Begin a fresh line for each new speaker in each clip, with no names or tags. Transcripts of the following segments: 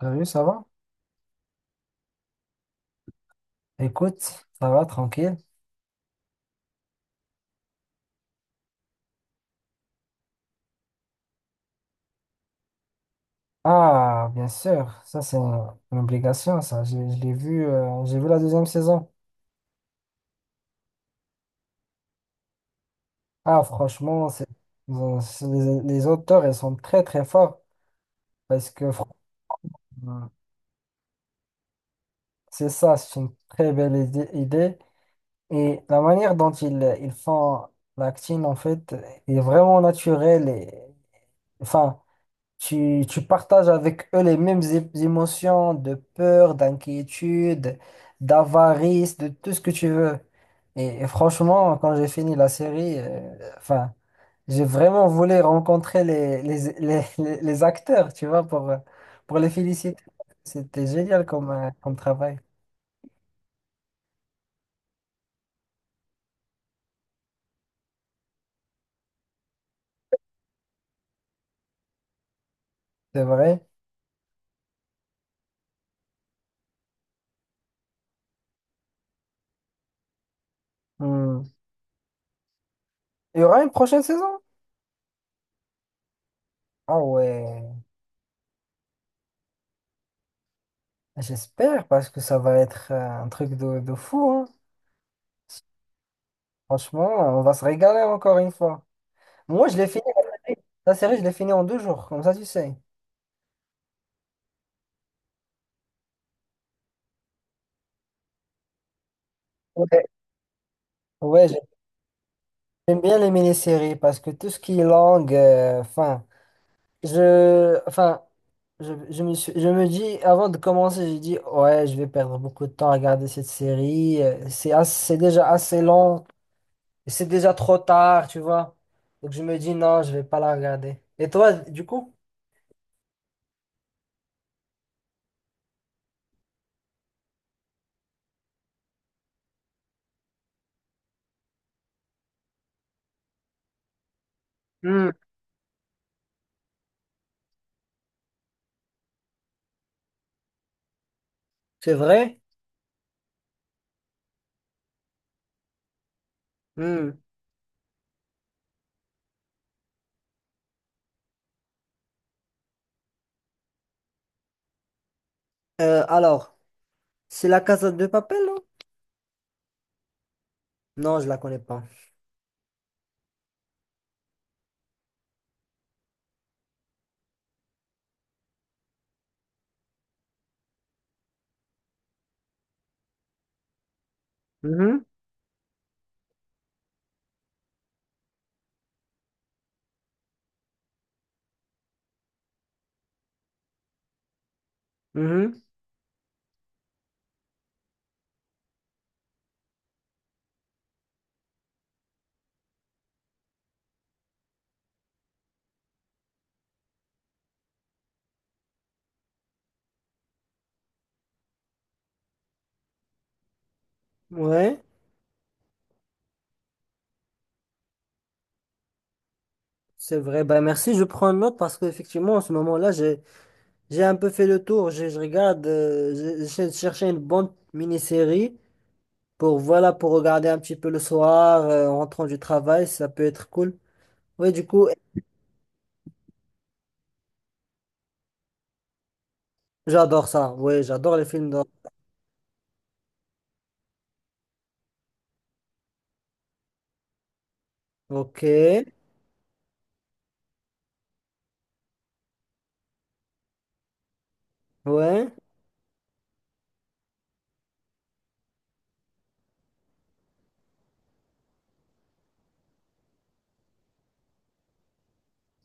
Salut, ça va? Écoute, ça va, tranquille. Ah, bien sûr, ça c'est une obligation, ça. Je l'ai vu, j'ai vu la deuxième saison. Ah, franchement, les auteurs, ils sont très très forts parce que Mm. C'est ça, c'est une très belle idée. Et la manière dont ils font l'acting, en fait, est vraiment naturelle et, enfin, Tu partages avec eux les mêmes émotions de peur, d'inquiétude, d'avarice, de tout ce que tu veux. Et franchement, quand j'ai fini la série, enfin, j'ai vraiment voulu rencontrer les acteurs, tu vois, pour les féliciter. C'était génial comme travail. C'est vrai. Hmm. Il y aura une prochaine saison? Ah ouais, j'espère, parce que ça va être un truc de fou, hein. Franchement, on va se régaler encore une fois. Moi, je l'ai fini, la série, je l'ai fini en deux jours, comme ça, tu sais. Ok. Ouais, j'aime bien les mini-séries parce que tout ce qui est langue, enfin, enfin, je me dis, avant de commencer, j'ai dit, ouais, je vais perdre beaucoup de temps à regarder cette série. C'est déjà assez long, et c'est déjà trop tard, tu vois. Donc, je me dis, non, je vais pas la regarder. Et toi, du coup? Hmm, c'est vrai? Hmm. Alors, c'est la Casa de Papel, non? Non, je la connais pas. Mhm. Ouais, c'est vrai. Bah, merci, je prends note parce qu'effectivement, en ce moment-là, j'ai un peu fait le tour. J'essaie de chercher une bonne mini-série pour, voilà, pour regarder un petit peu le soir, en rentrant du travail, ça peut être cool. Oui, du coup, j'adore ça. Oui, j'adore les films d'horreur. Ok, ouais.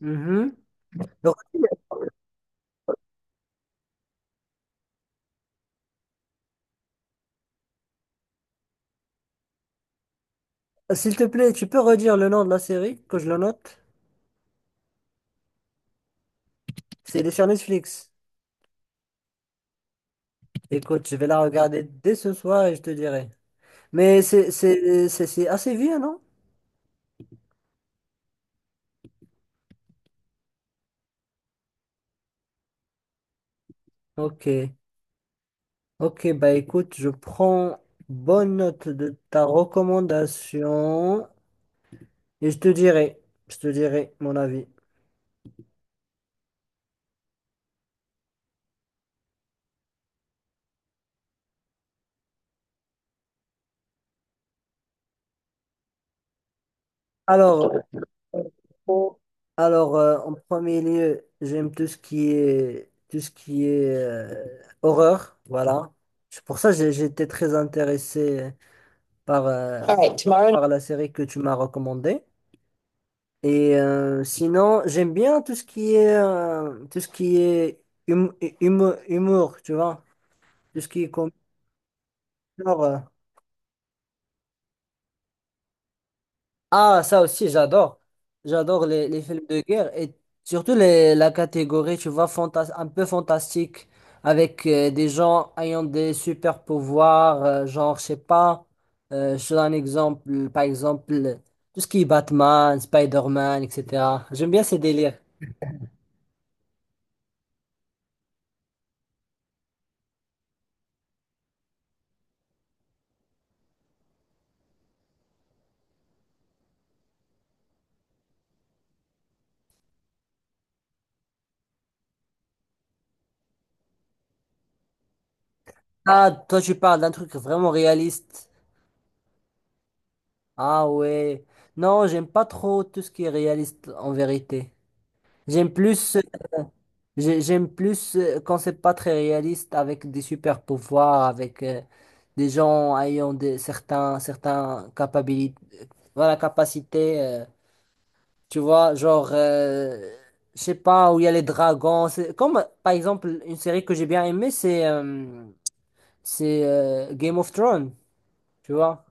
Mhm. Donc, s'il te plaît, tu peux redire le nom de la série, que je le note? C'est Elle est sur Netflix. Écoute, je vais la regarder dès ce soir et je te dirai. Mais c'est assez vieux, non? Ok. Ok, bah écoute, je prends bonne note de ta recommandation et je te dirai mon avis. Alors, bon. Alors, en premier lieu, j'aime tout ce qui est horreur, voilà. C'est pour ça que j'étais très intéressé par, All right, tomorrow. Par la série que tu m'as recommandée. Et sinon, j'aime bien tout ce qui est tout ce qui est hum- humour, tu vois, tout ce qui est comme genre, Ah, ça aussi, j'adore. J'adore les films de guerre et surtout la catégorie, tu vois, fantas un peu fantastique avec des gens ayant des super pouvoirs, genre, je sais pas, je te donne un exemple, par exemple, tout ce qui est Batman, Spider-Man, etc. J'aime bien ces délires. Ah, toi, tu parles d'un truc vraiment réaliste. Ah ouais. Non, j'aime pas trop tout ce qui est réaliste en vérité. J'aime plus, j'aime plus quand c'est pas très réaliste avec des super pouvoirs, avec des gens ayant des certains capacités, voilà, capacité, tu vois, genre je sais pas où il y a les dragons, c'est comme par exemple une série que j'ai bien aimée, c'est Game of Thrones, tu vois.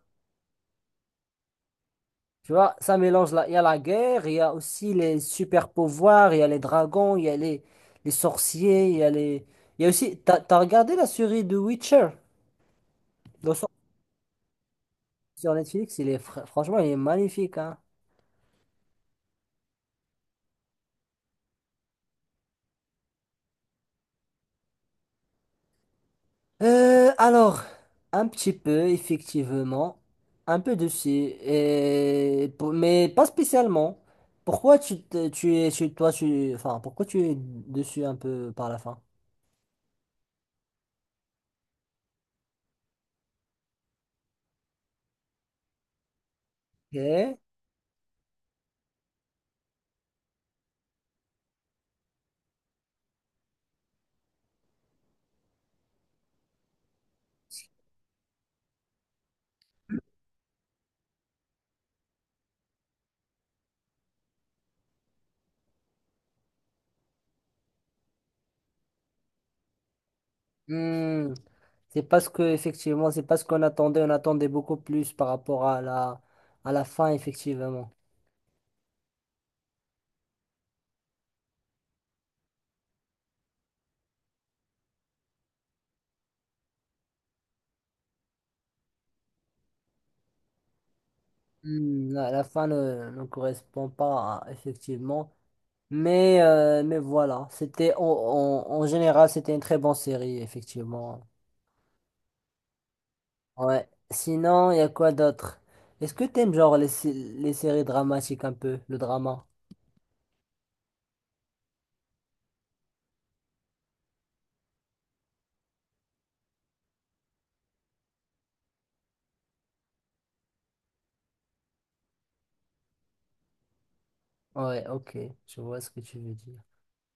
Tu vois, ça mélange il y a la guerre, il y a aussi les super pouvoirs, il y a les dragons, il y a les sorciers, il y a les. Il y a aussi. T'as regardé la série de Witcher? Le sort- Sur Netflix, il est franchement, il est magnifique, hein. Alors, un petit peu, effectivement. Un peu dessus. Et, mais pas spécialement. Pourquoi tu, te- tu es tu- toi, tu. Enfin, pourquoi tu es dessus un peu par la fin? Ok. Hmm, c'est parce que effectivement, c'est parce qu'on attendait beaucoup plus par rapport à la fin effectivement. Hmm, la fin ne correspond pas effectivement, mais voilà, c'était en général c'était une très bonne série effectivement. Ouais. Sinon, il y a quoi d'autre? Est-ce que t'aimes genre les séries dramatiques un peu, le drama? Ouais, ok, je vois ce que tu veux dire.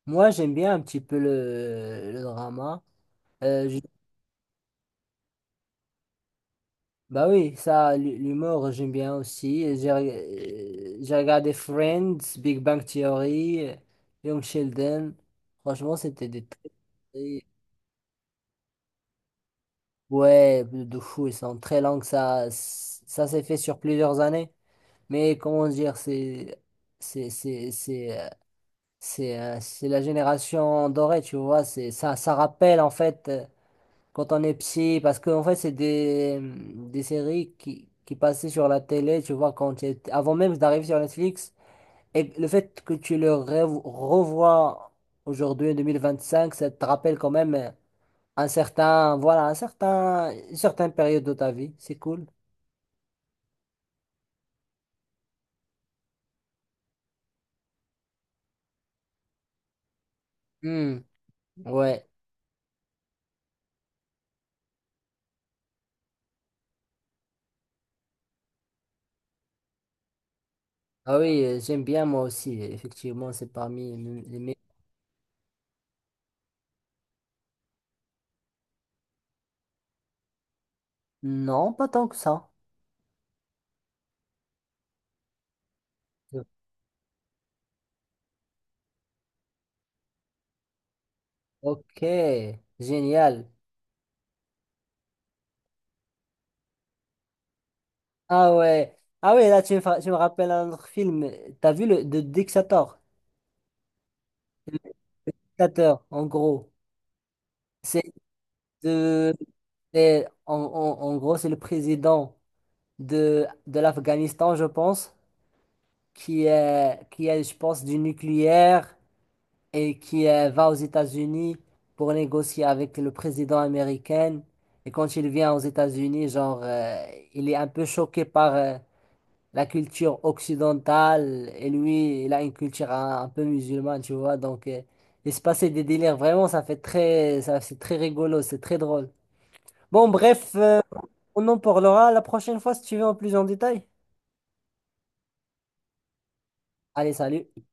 Moi, j'aime bien un petit peu le drama. Je Bah oui, ça, l'humour, j'aime bien aussi. J'ai regardé Friends, Big Bang Theory, Young Sheldon. Franchement, c'était des très. Ouais, de fou, ils sont très longs. Ça s'est fait sur plusieurs années. Mais comment dire, C'est c'est- c'est, euh, c'est la génération dorée, tu vois. Ça, ça rappelle, en fait. Quand on est petit, parce qu'en fait, c'est des séries qui passaient sur la télé, tu vois, quand avant même d'arriver sur Netflix. Et le fait que tu le revois aujourd'hui, en 2025, ça te rappelle quand même voilà, une certaine période de ta vie. C'est cool. Hmm, ouais. Ah oui, j'aime bien moi aussi. Effectivement, c'est parmi. Non, pas tant que ça. Ok, génial. Ah ouais. Ah ouais, là, tu me rappelles un autre film. T'as vu le de dictator, dictateur, en gros. C'est de, c'est- en, en- en gros, c'est le président de l'Afghanistan, je pense, qui est, je pense, du nucléaire et qui va aux États-Unis pour négocier avec le président américain. Et quand il vient aux États-Unis, genre, il est un peu choqué par, la culture occidentale et lui, il a une culture un peu musulmane, tu vois. Donc, il se passait des délires. Vraiment, ça, c'est très rigolo, c'est très drôle. Bon, bref, on en parlera la prochaine fois si tu veux en plus en détail. Allez, salut.